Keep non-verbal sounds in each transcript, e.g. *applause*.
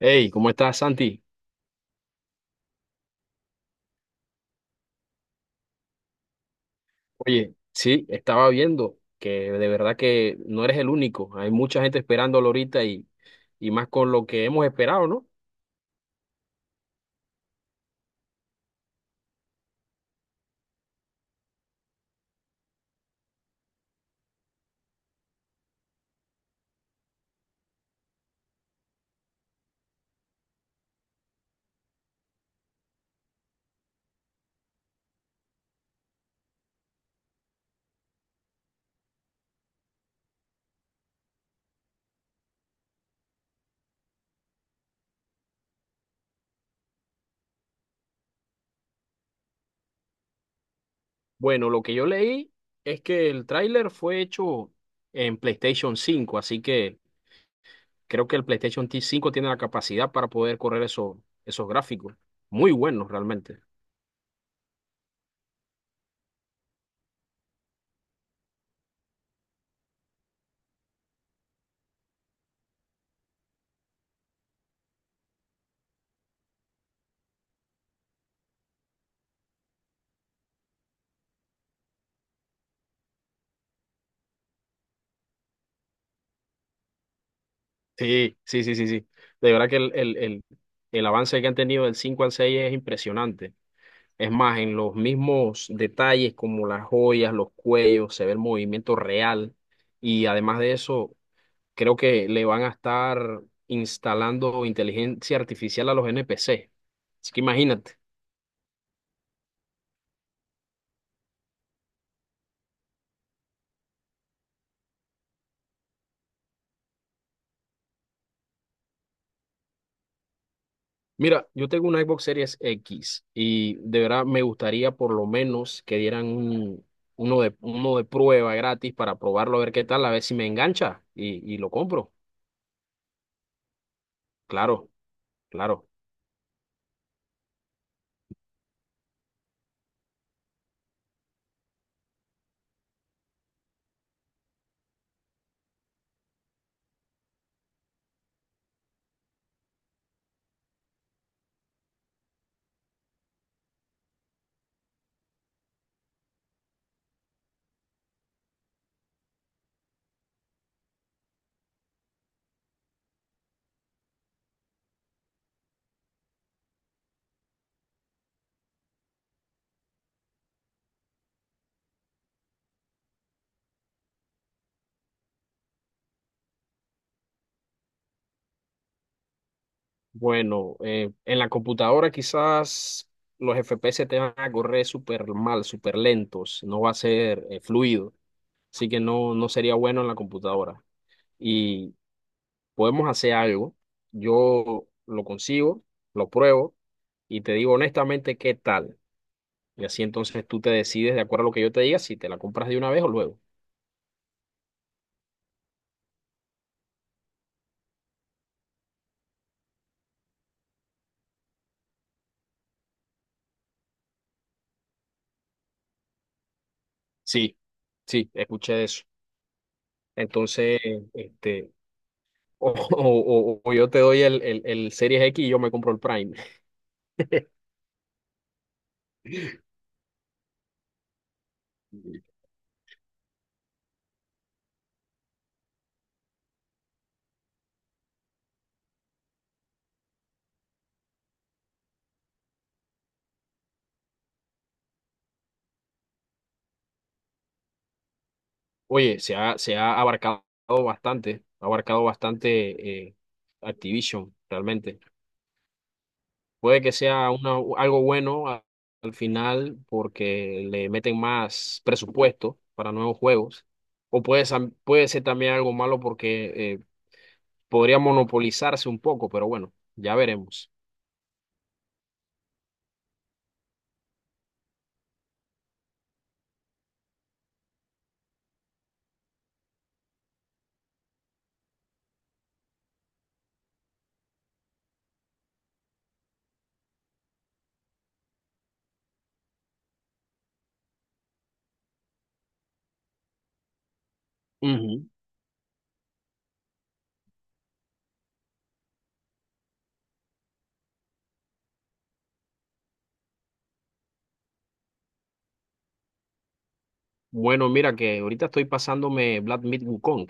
Hey, ¿cómo estás, Santi? Oye, sí, estaba viendo que de verdad que no eres el único. Hay mucha gente esperándolo ahorita y más con lo que hemos esperado, ¿no? Bueno, lo que yo leí es que el tráiler fue hecho en PlayStation cinco, así que creo que el PlayStation T cinco tiene la capacidad para poder correr esos gráficos. Muy buenos, realmente. Sí, sí, sí, sí, sí. De verdad que el avance que han tenido del 5 al 6 es impresionante. Es más, en los mismos detalles como las joyas, los cuellos, se ve el movimiento real y además de eso, creo que le van a estar instalando inteligencia artificial a los N P C Así que imagínate. Mira, yo tengo una Xbox Series X y de verdad me gustaría por lo menos que dieran uno de prueba gratis para probarlo, a ver qué tal, a ver si me engancha y lo compro. Claro, claro. Bueno, en la computadora quizás los FPS te van a correr súper mal, súper lentos, no va a ser fluido, así que no, no sería bueno en la computadora. Y podemos hacer algo, yo lo consigo, lo pruebo y te digo honestamente qué tal. Y así entonces tú te decides de acuerdo a lo que yo te diga si te la compras de una vez o luego. Sí, sí, escuché eso. Entonces, este, o, *laughs* o yo te doy el Series X y yo me compro el Prime. *laughs* Oye, se ha abarcado bastante Activision, realmente. Puede que sea algo bueno al final porque le meten más presupuesto para nuevos juegos, o puede, puede ser también algo malo porque podría monopolizarse un poco, pero bueno, ya veremos. Bueno, mira que ahorita estoy pasándome Black Myth Wukong.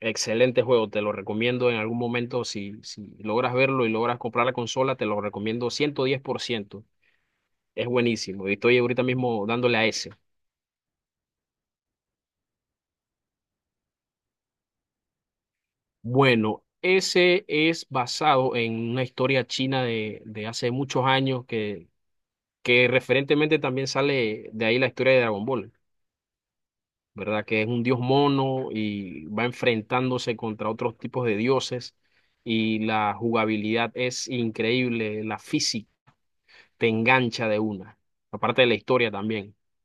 Excelente juego, te lo recomiendo en algún momento. Si, si logras verlo y logras comprar la consola, te lo recomiendo ciento diez por ciento. Es buenísimo. Y estoy ahorita mismo dándole a ese. Bueno, ese es basado en una historia china de hace muchos años que referentemente también sale de ahí la historia de Dragon Ball. ¿Verdad? Que es un dios mono y va enfrentándose contra otros tipos de dioses y la jugabilidad es increíble, la física te engancha de una, aparte de la historia también. *laughs*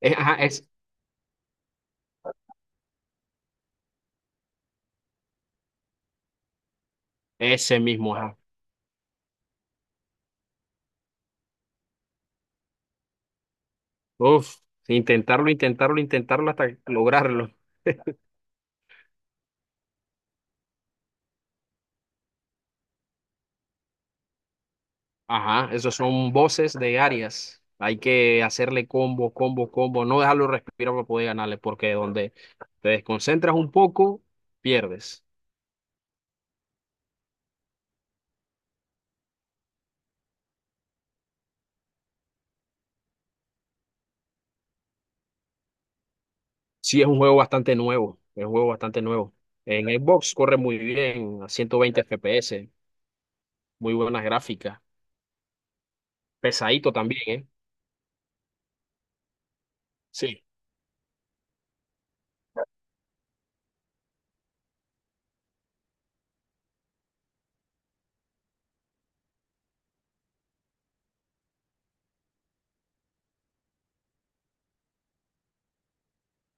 Es, ajá, es ese mismo, ajá. Uf, intentarlo, intentarlo, intentarlo hasta lograrlo. Ajá, esos son voces de áreas. Hay que hacerle combo, combo, combo, no dejarlo respirar para poder ganarle, porque donde te desconcentras un poco, pierdes. Sí, es un juego bastante nuevo, es un juego bastante nuevo. En Xbox corre muy bien, a 120 FPS, muy buenas gráficas, pesadito también, ¿eh? Sí.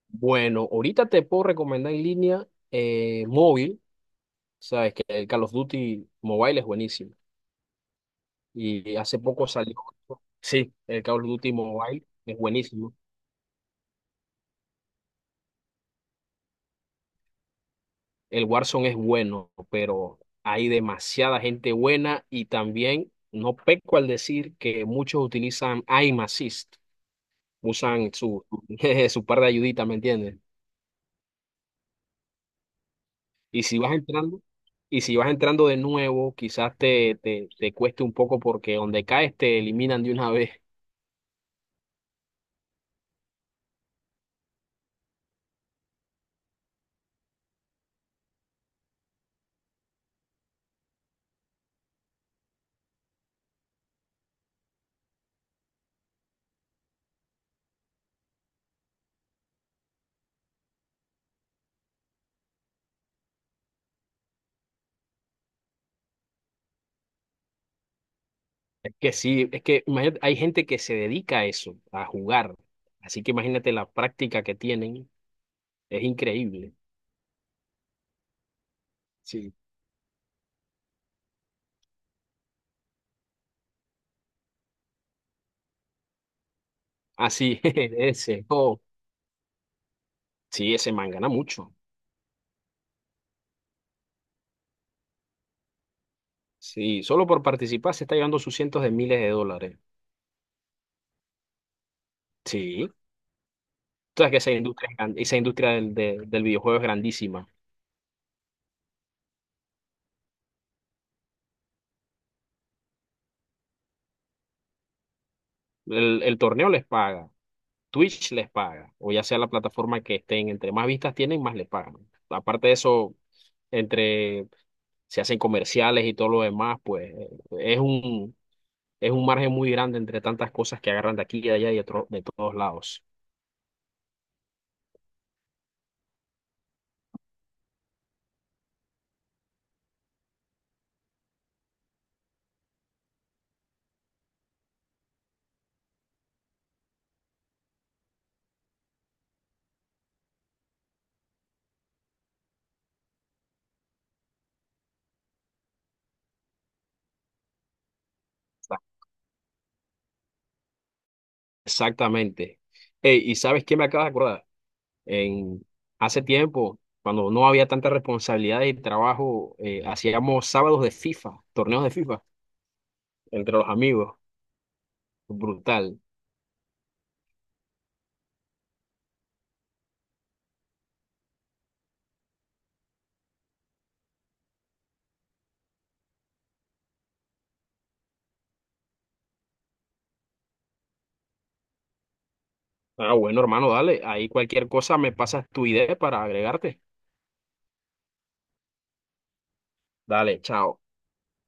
Bueno, ahorita te puedo recomendar en línea móvil, sabes que el Call of Duty Mobile es buenísimo. Y hace poco salió, sí, el Call of Duty Mobile es buenísimo. El Warzone es bueno, pero hay demasiada gente buena y también no peco al decir que muchos utilizan aim assist. Usan su, *laughs* jeje, su par de ayuditas, ¿me entiendes? Y si vas entrando, y si vas entrando de nuevo, quizás te, te cueste un poco porque donde caes te eliminan de una *laughs* vez. Es que sí, es que imagínate, hay gente que se dedica a eso, a jugar. Así que imagínate la práctica que tienen, es increíble. Sí. Así, *laughs* ese, oh, sí, ese man gana mucho. Sí, solo por participar se está llevando sus cientos de miles de dólares. Sí. Tú sabes que esa industria, es esa industria del videojuego es grandísima. El torneo les paga, Twitch les paga, o ya sea la plataforma que estén, entre más vistas tienen, más les pagan. Aparte de eso, entre se hacen comerciales y todo lo demás, pues es un, es un margen muy grande entre tantas cosas que agarran de aquí y de allá de todos lados. Sa- Exactamente. Ey, ¿y sabes qué me acaba de acordar? En, hace tiempo, cuando no había tanta responsabilidad y trabajo, hacíamos sábados de FIFA, torneos de FIFA entre los amigos. Brutal. Ah, bueno, hermano, dale. Ahí cualquier cosa me pasas tu idea para agregarte. Dale, chao.